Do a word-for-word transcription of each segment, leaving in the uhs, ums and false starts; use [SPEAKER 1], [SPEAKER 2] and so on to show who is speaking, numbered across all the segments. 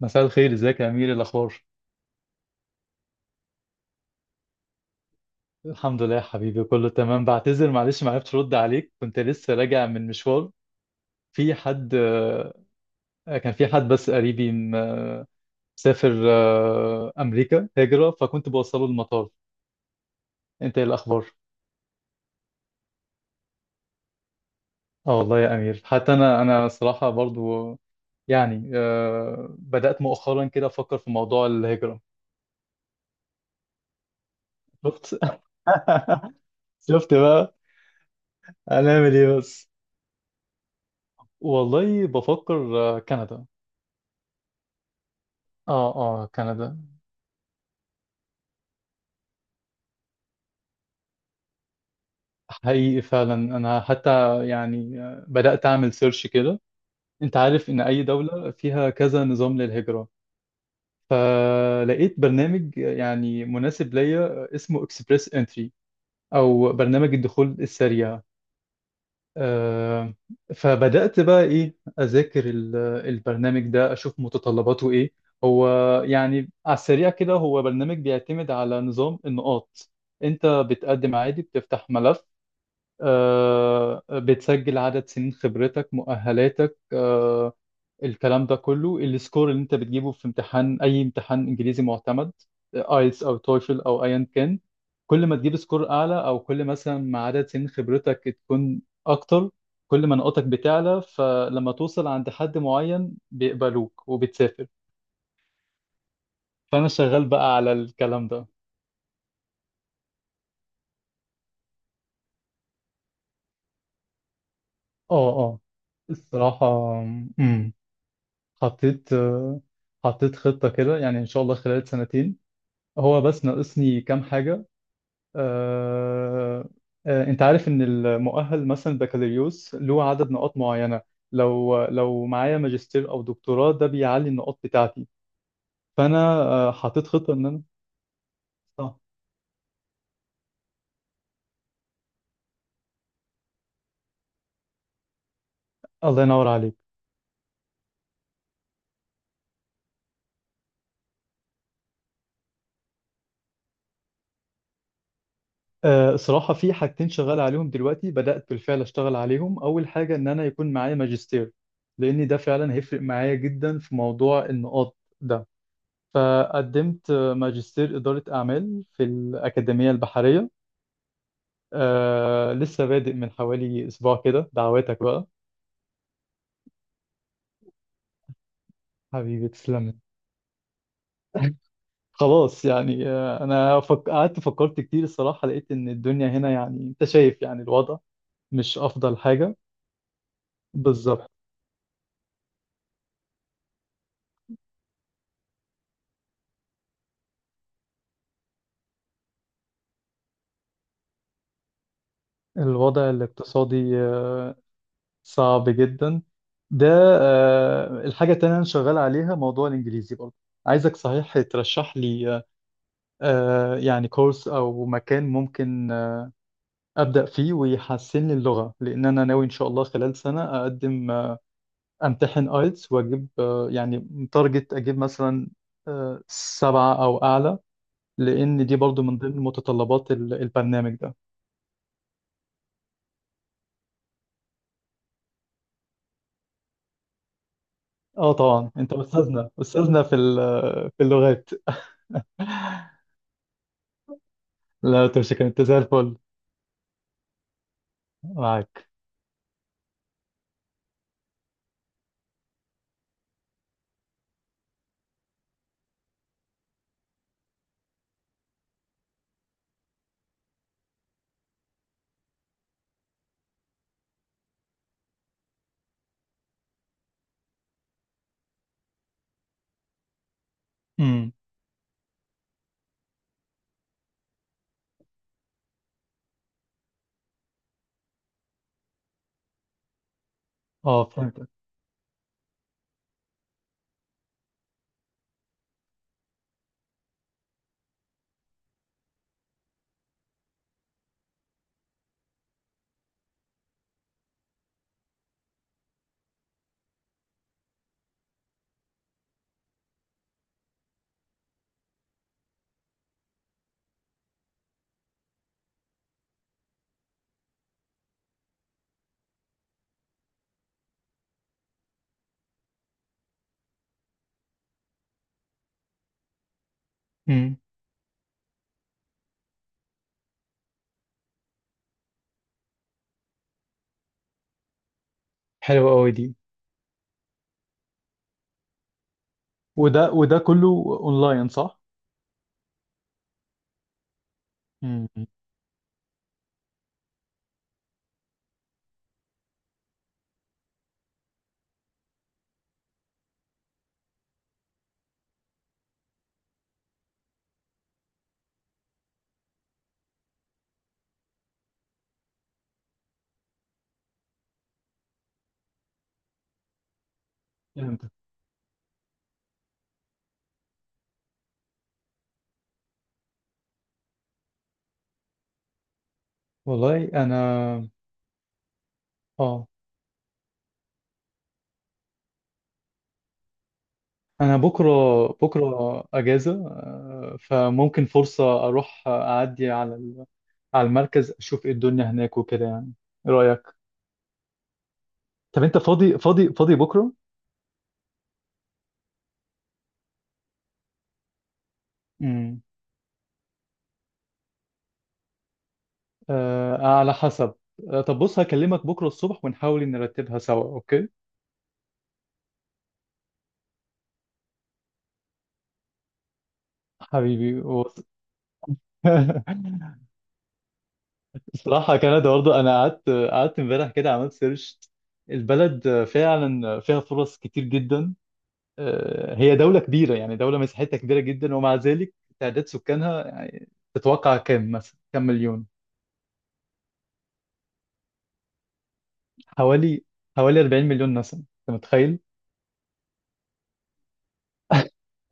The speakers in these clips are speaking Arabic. [SPEAKER 1] مساء الخير. ازيك يا امير؟ إيه الاخبار؟ الحمد لله يا حبيبي، كله تمام. بعتذر معلش، ما عرفتش ارد عليك، كنت لسه راجع من مشوار. في حد آه، كان في حد، بس قريبي م- آه، مسافر آه، امريكا هجرة، فكنت بوصله المطار. انت، ايه الاخبار؟ اه والله يا امير، حتى انا انا صراحة برضو. يعني، آه، بدأت مؤخرا كده افكر في موضوع الهجرة. شفت؟ شفت بقى؟ هنعمل ايه بس؟ والله بفكر آه، كندا. اه اه، كندا. حقيقي فعلا، انا حتى يعني بدأت اعمل سيرش كده. انت عارف ان اي دولة فيها كذا نظام للهجرة، فلقيت برنامج يعني مناسب ليا اسمه اكسبريس انتري، او برنامج الدخول السريع آه، فبدأت بقى ايه، اذاكر ال- البرنامج ده، اشوف متطلباته ايه. هو يعني على السريع كده، هو برنامج بيعتمد على نظام النقاط. انت بتقدم عادي، بتفتح ملف، آه، بتسجل عدد سنين خبرتك، مؤهلاتك، آه، الكلام ده كله. السكور اللي انت بتجيبه في امتحان، اي امتحان انجليزي معتمد، ايلتس او تويفل او ايا كان. كل ما تجيب سكور اعلى، او كل مثلا ما عدد سنين خبرتك تكون اكتر، كل ما نقطك بتعلى. فلما توصل عند حد معين، بيقبلوك وبتسافر. فانا شغال بقى على الكلام ده. اه اه، الصراحة، امم حطيت آه، حطيت خطة كده، يعني إن شاء الله خلال سنتين. هو بس ناقصني كام حاجة. آه، آه، أنت عارف إن المؤهل مثلا بكالوريوس له عدد نقاط معينة، لو لو معايا ماجستير أو دكتوراه، ده بيعلي النقاط بتاعتي. فأنا آه، حطيت خطة إن أنا... صح. الله ينور عليك. آه، صراحة في حاجتين شغال عليهم دلوقتي، بدأت بالفعل أشتغل عليهم. أول حاجة، إن أنا يكون معايا ماجستير، لأن ده فعلا هيفرق معايا جدا في موضوع النقاط ده. فقدمت ماجستير إدارة أعمال في الأكاديمية البحرية. آه لسه بادئ من حوالي أسبوع كده. دعواتك بقى. حبيبي تسلم. خلاص يعني، آه أنا فك... قعدت فكرت كتير الصراحة، لقيت إن الدنيا هنا، يعني أنت شايف يعني، الوضع مش أفضل حاجة. بالظبط. الوضع الاقتصادي آه صعب جدا، ده... آه الحاجة التانية أنا شغال عليها موضوع الإنجليزي برضه. عايزك صحيح ترشح لي آه، يعني كورس أو مكان ممكن آه، أبدأ فيه ويحسن لي اللغة. لأن أنا ناوي إن شاء الله خلال سنة أقدم، آه، أمتحن آيلتس، وأجيب آه، يعني تارجت، أجيب مثلا آه، سبعة أو أعلى. لأن دي برضو من ضمن متطلبات ال- البرنامج ده. آه طبعا أنت أستاذنا أستاذنا في ال- في اللغات. لا، تمسك، أنت زي الفل. معاك. امم. آه فهمتك. امم. حلوة أوي دي. وده وده كله أونلاين، صح؟ امم. والله انا. اه، انا بكره، بكره اجازه، آه، فممكن فرصه اروح اعدي على ال- على المركز، اشوف ايه الدنيا هناك وكده يعني. ايه رايك؟ طب انت فاضي فاضي فاضي بكره؟ امم. آه على حسب. آه طب بص، هكلمك بكره الصبح ونحاول إن نرتبها سوا، اوكي؟ حبيبي و- الصراحه كندا برضه، انا قعدت قعدت امبارح كده عملت سيرش. البلد فعلا فيها فرص كتير جدا. آه، هي دولة كبيرة، يعني دولة مساحتها كبيرة جدا ومع ذلك تعداد سكانها يعني، تتوقع كام مثلا؟ كام مليون؟ حوالي حوالي اربعين مليون نسمة، انت متخيل؟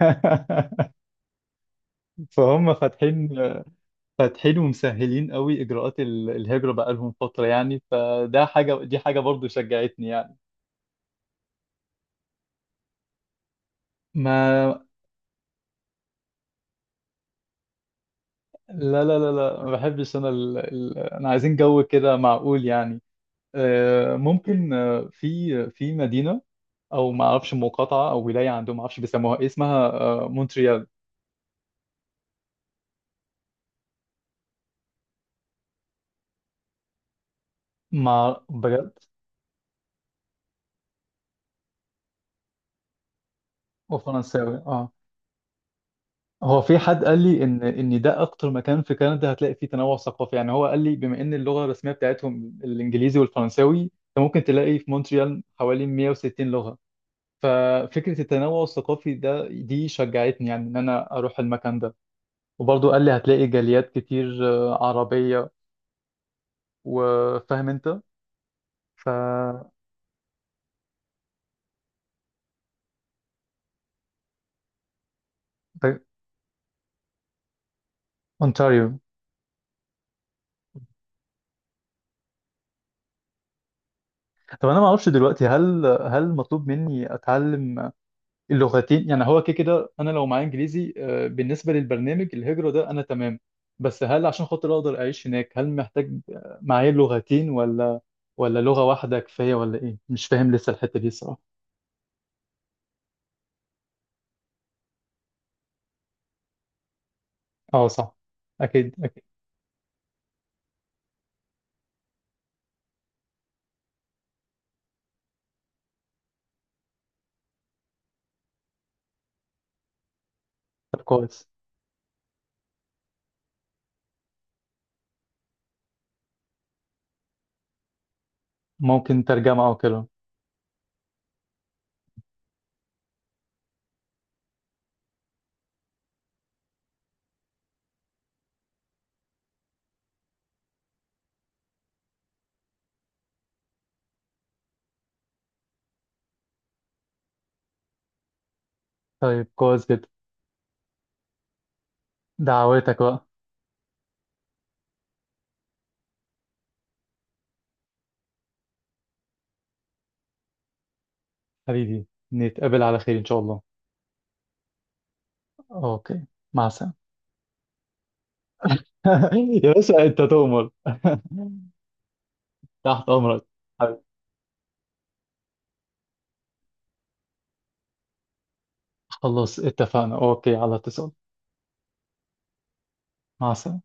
[SPEAKER 1] فهم فاتحين فاتحين ومسهلين قوي اجراءات ال- الهجرة بقالهم فترة يعني. فده حاجة، دي حاجة برضو شجعتني يعني. ما، لا لا لا لا، ما بحبش انا ال... ال... انا عايزين جو كده معقول يعني. آه، ممكن، آه، في في مدينة، او ما اعرفش مقاطعه او ولايه، عندهم ما اعرفش بيسموها إيه، اسمها آه، مونتريال. ما بجد. وفرنساوي، اه. هو في حد قال لي ان ان ده اكتر مكان في كندا هتلاقي فيه تنوع ثقافي. يعني هو قال لي، بما ان اللغه الرسميه بتاعتهم الانجليزي والفرنساوي، انت ممكن تلاقي في مونتريال حوالي مئة وستين لغه. ففكره التنوع الثقافي ده، دي شجعتني يعني ان انا اروح المكان ده. وبرضه قال لي هتلاقي جاليات كتير آه، عربيه. وفاهم انت. ف اونتاريو. طب انا ما اعرفش دلوقتي، هل هل مطلوب مني اتعلم اللغتين؟ يعني هو كده كده انا لو معايا انجليزي، آه، بالنسبه للبرنامج الهجره ده انا تمام. بس هل عشان خاطر اقدر اعيش هناك، هل محتاج آه، معايا لغتين؟ ولا ولا لغه واحده كفايه؟ ولا ايه؟ مش فاهم لسه الحته دي الصراحه. اه، صح. اكيد اكيد. طب كويس. ممكن ترجمه او كده. طيب كويس جدا. دعواتك بقى. حبيبي. نتقابل على خير ان شاء الله. اوكي. مع السلامه. يا باشا انت تؤمر. تحت أمرك. حبيبي. خلاص اتفقنا، أوكي، على اتصال. مع السلامة.